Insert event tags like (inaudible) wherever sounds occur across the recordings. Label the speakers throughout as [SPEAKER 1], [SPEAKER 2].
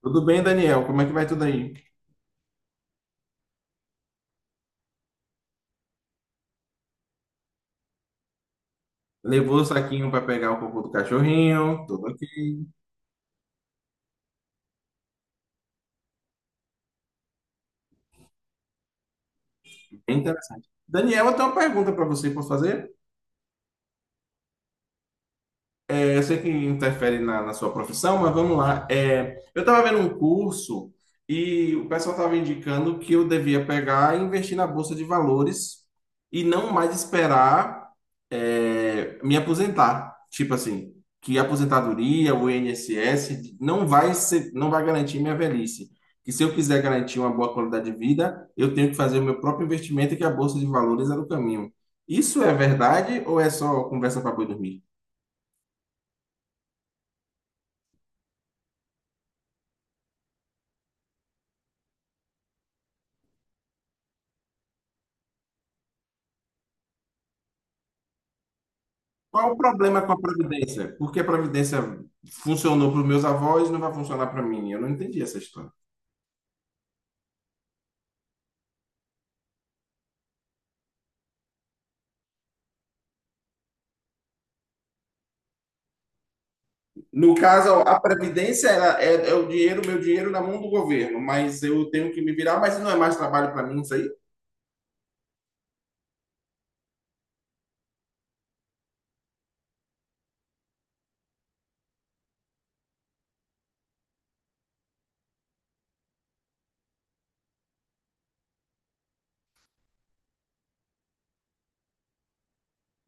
[SPEAKER 1] Tudo bem, Daniel? Como é que vai tudo aí? Levou o saquinho para pegar o cocô do cachorrinho, tudo aqui. Bem interessante. Daniel, eu tenho uma pergunta para você, posso fazer? Eu sei que interfere na sua profissão, mas vamos lá. Eu estava vendo um curso e o pessoal estava indicando que eu devia pegar e investir na bolsa de valores e não mais esperar me aposentar. Tipo assim, que a aposentadoria, o INSS, não vai ser, não vai garantir minha velhice. Que se eu quiser garantir uma boa qualidade de vida, eu tenho que fazer o meu próprio investimento e que a bolsa de valores é o caminho. Isso é verdade ou é só conversa para boi dormir? Qual o problema com a Previdência? Por que a Previdência funcionou para os meus avós e não vai funcionar para mim? Eu não entendi essa história. No caso, a Previdência ela é o dinheiro, meu dinheiro na mão do governo, mas eu tenho que me virar, mas não é mais trabalho para mim isso aí?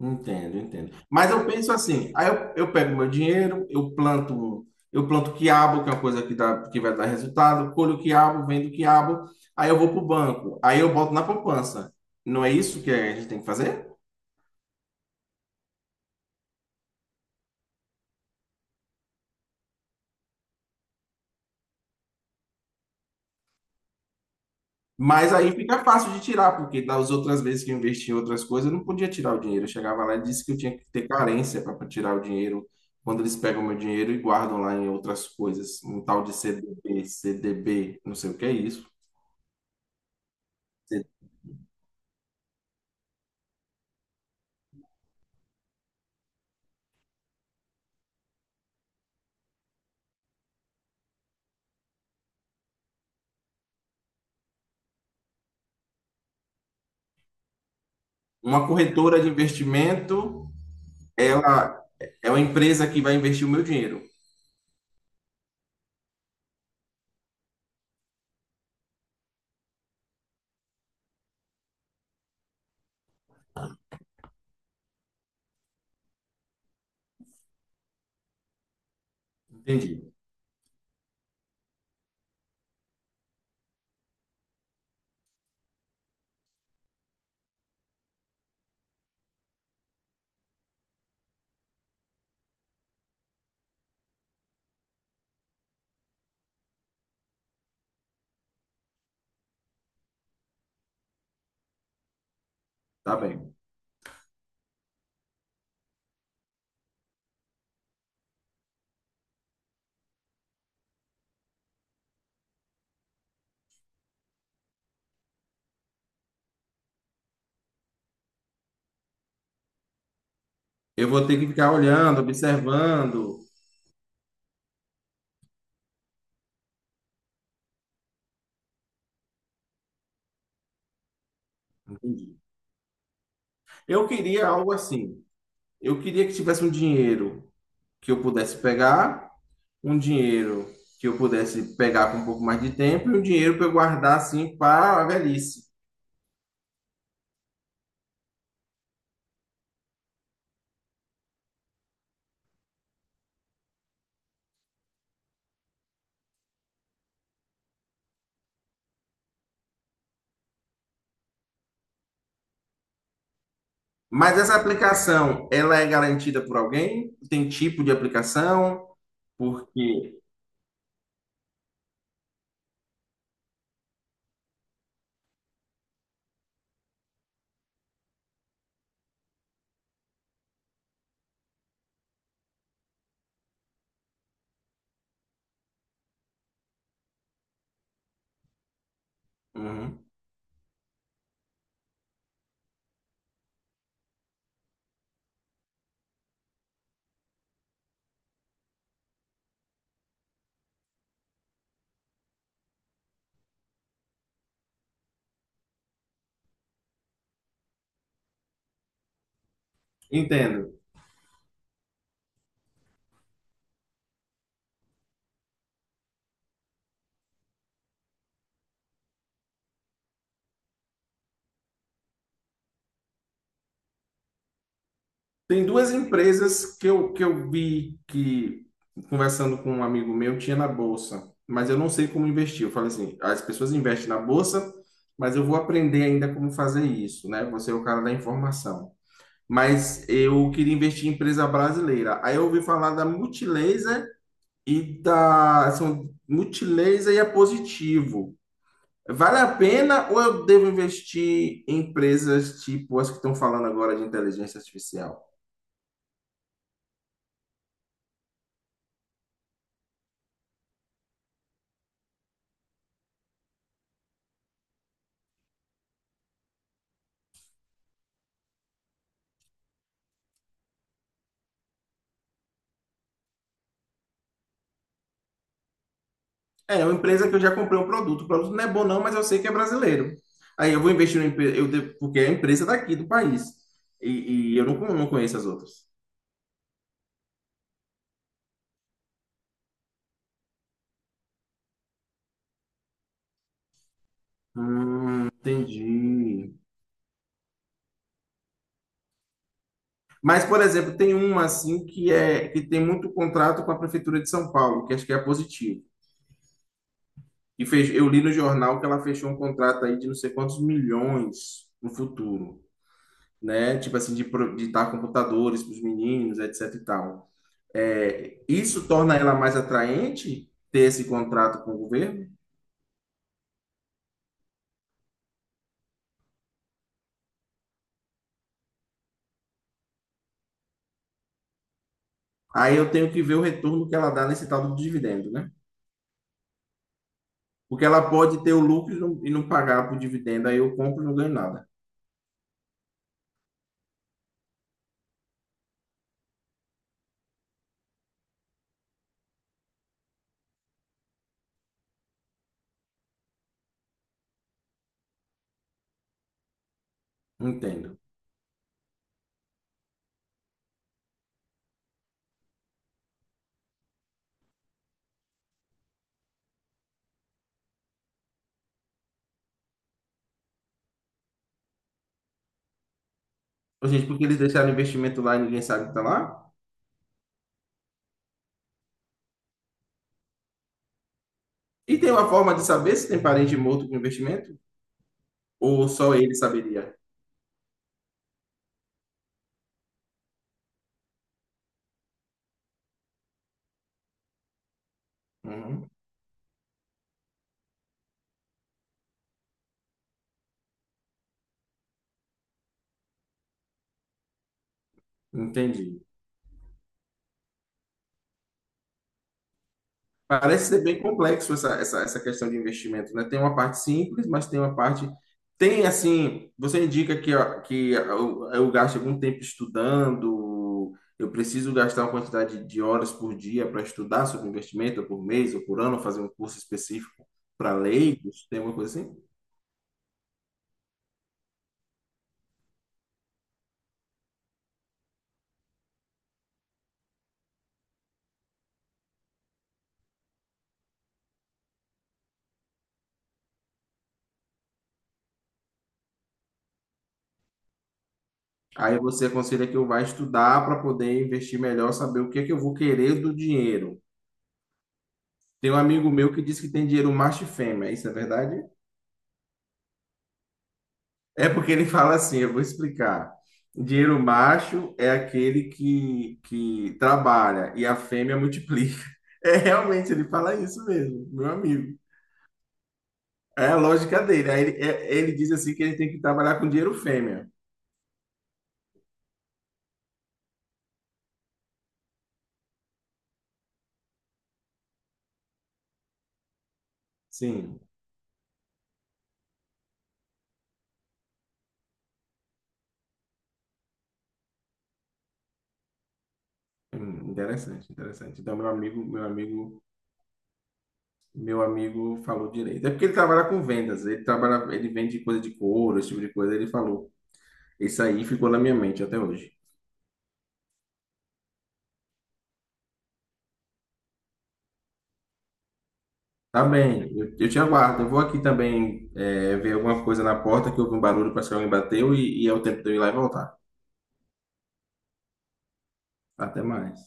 [SPEAKER 1] Entendo, entendo. Mas eu penso assim, aí eu pego meu dinheiro, eu planto quiabo, que é uma coisa que, dá, que vai dar resultado, colho quiabo, vendo quiabo, aí eu vou para o banco, aí eu boto na poupança. Não é isso que a gente tem que fazer? Mas aí fica fácil de tirar, porque das outras vezes que eu investi em outras coisas, eu não podia tirar o dinheiro. Eu chegava lá e disse que eu tinha que ter carência para tirar o dinheiro. Quando eles pegam meu dinheiro e guardam lá em outras coisas, um tal de CDB, não sei o que é isso. Uma corretora de investimento, ela é uma empresa que vai investir o meu dinheiro. Entendi. Tá bem. Eu vou ter que ficar olhando, observando. Entendi. Eu queria algo assim. Eu queria que tivesse um dinheiro que eu pudesse pegar um dinheiro que eu pudesse pegar com um pouco mais de tempo e um dinheiro para eu guardar assim para a velhice. Mas essa aplicação, ela é garantida por alguém? Tem tipo de aplicação? Porque. Uhum. Entendo. Tem duas empresas que eu vi que, conversando com um amigo meu, tinha na bolsa, mas eu não sei como investir. Eu falei assim: as pessoas investem na bolsa, mas eu vou aprender ainda como fazer isso, né? Você é o cara da informação. Mas eu queria investir em empresa brasileira. Aí eu ouvi falar da Multilaser e da são Multilaser e a Positivo. Vale a pena ou eu devo investir em empresas tipo as que estão falando agora de inteligência artificial? É uma empresa que eu já comprei um produto. O produto não é bom não, mas eu sei que é brasileiro. Aí eu vou investir numa empresa, eu devo- porque é a empresa daqui do país. E eu não conheço as outras. Hum, entendi. Mas, por exemplo, tem uma assim que é que tem muito contrato com a Prefeitura de São Paulo, que acho que é positivo. E fez, eu li no jornal que ela fechou um contrato aí de não sei quantos milhões no futuro, né? Tipo assim, de, pro- de dar computadores para os meninos, etc e tal. É, isso torna ela mais atraente ter esse contrato com o governo? Aí eu tenho que ver o retorno que ela dá nesse tal do dividendo, né? Porque ela pode ter o lucro e não pagar por dividendo, aí eu compro e não ganho nada. Não entendo. Ô, gente, porque eles deixaram investimento lá e ninguém sabe que tá lá? E tem uma forma de saber se tem parente morto com investimento? Ou só ele saberia? Uhum, entendi. Parece ser bem complexo essa questão de investimento, né? Tem uma parte simples, mas tem uma parte. Tem, assim, você indica que, ó, que eu gasto algum tempo estudando, eu preciso gastar uma quantidade de horas por dia para estudar sobre investimento, ou por mês, ou por ano, fazer um curso específico para leigos, tem alguma coisa assim? Aí você aconselha que eu vá estudar para poder investir melhor, saber o que é que eu vou querer do dinheiro. Tem um amigo meu que diz que tem dinheiro macho e fêmea, isso é verdade? É porque ele (laughs) fala assim, eu vou explicar. Dinheiro macho é aquele que trabalha e a fêmea multiplica. (laughs) É realmente, ele fala isso mesmo, meu amigo. É a lógica dele. Aí ele, é- ele diz assim que ele tem que trabalhar com dinheiro fêmea. Sim, hum, interessante, interessante. Então, meu amigo, meu amigo. Meu amigo falou direito. É porque ele trabalha com vendas, ele trabalha, ele vende coisa de couro, esse tipo de coisa. Ele falou. Isso aí ficou na minha mente até hoje. Tá bem, eu te aguardo. Eu vou aqui também ver alguma coisa na porta que houve um barulho, parece que alguém bateu e é o tempo de eu ir lá e voltar. Até mais.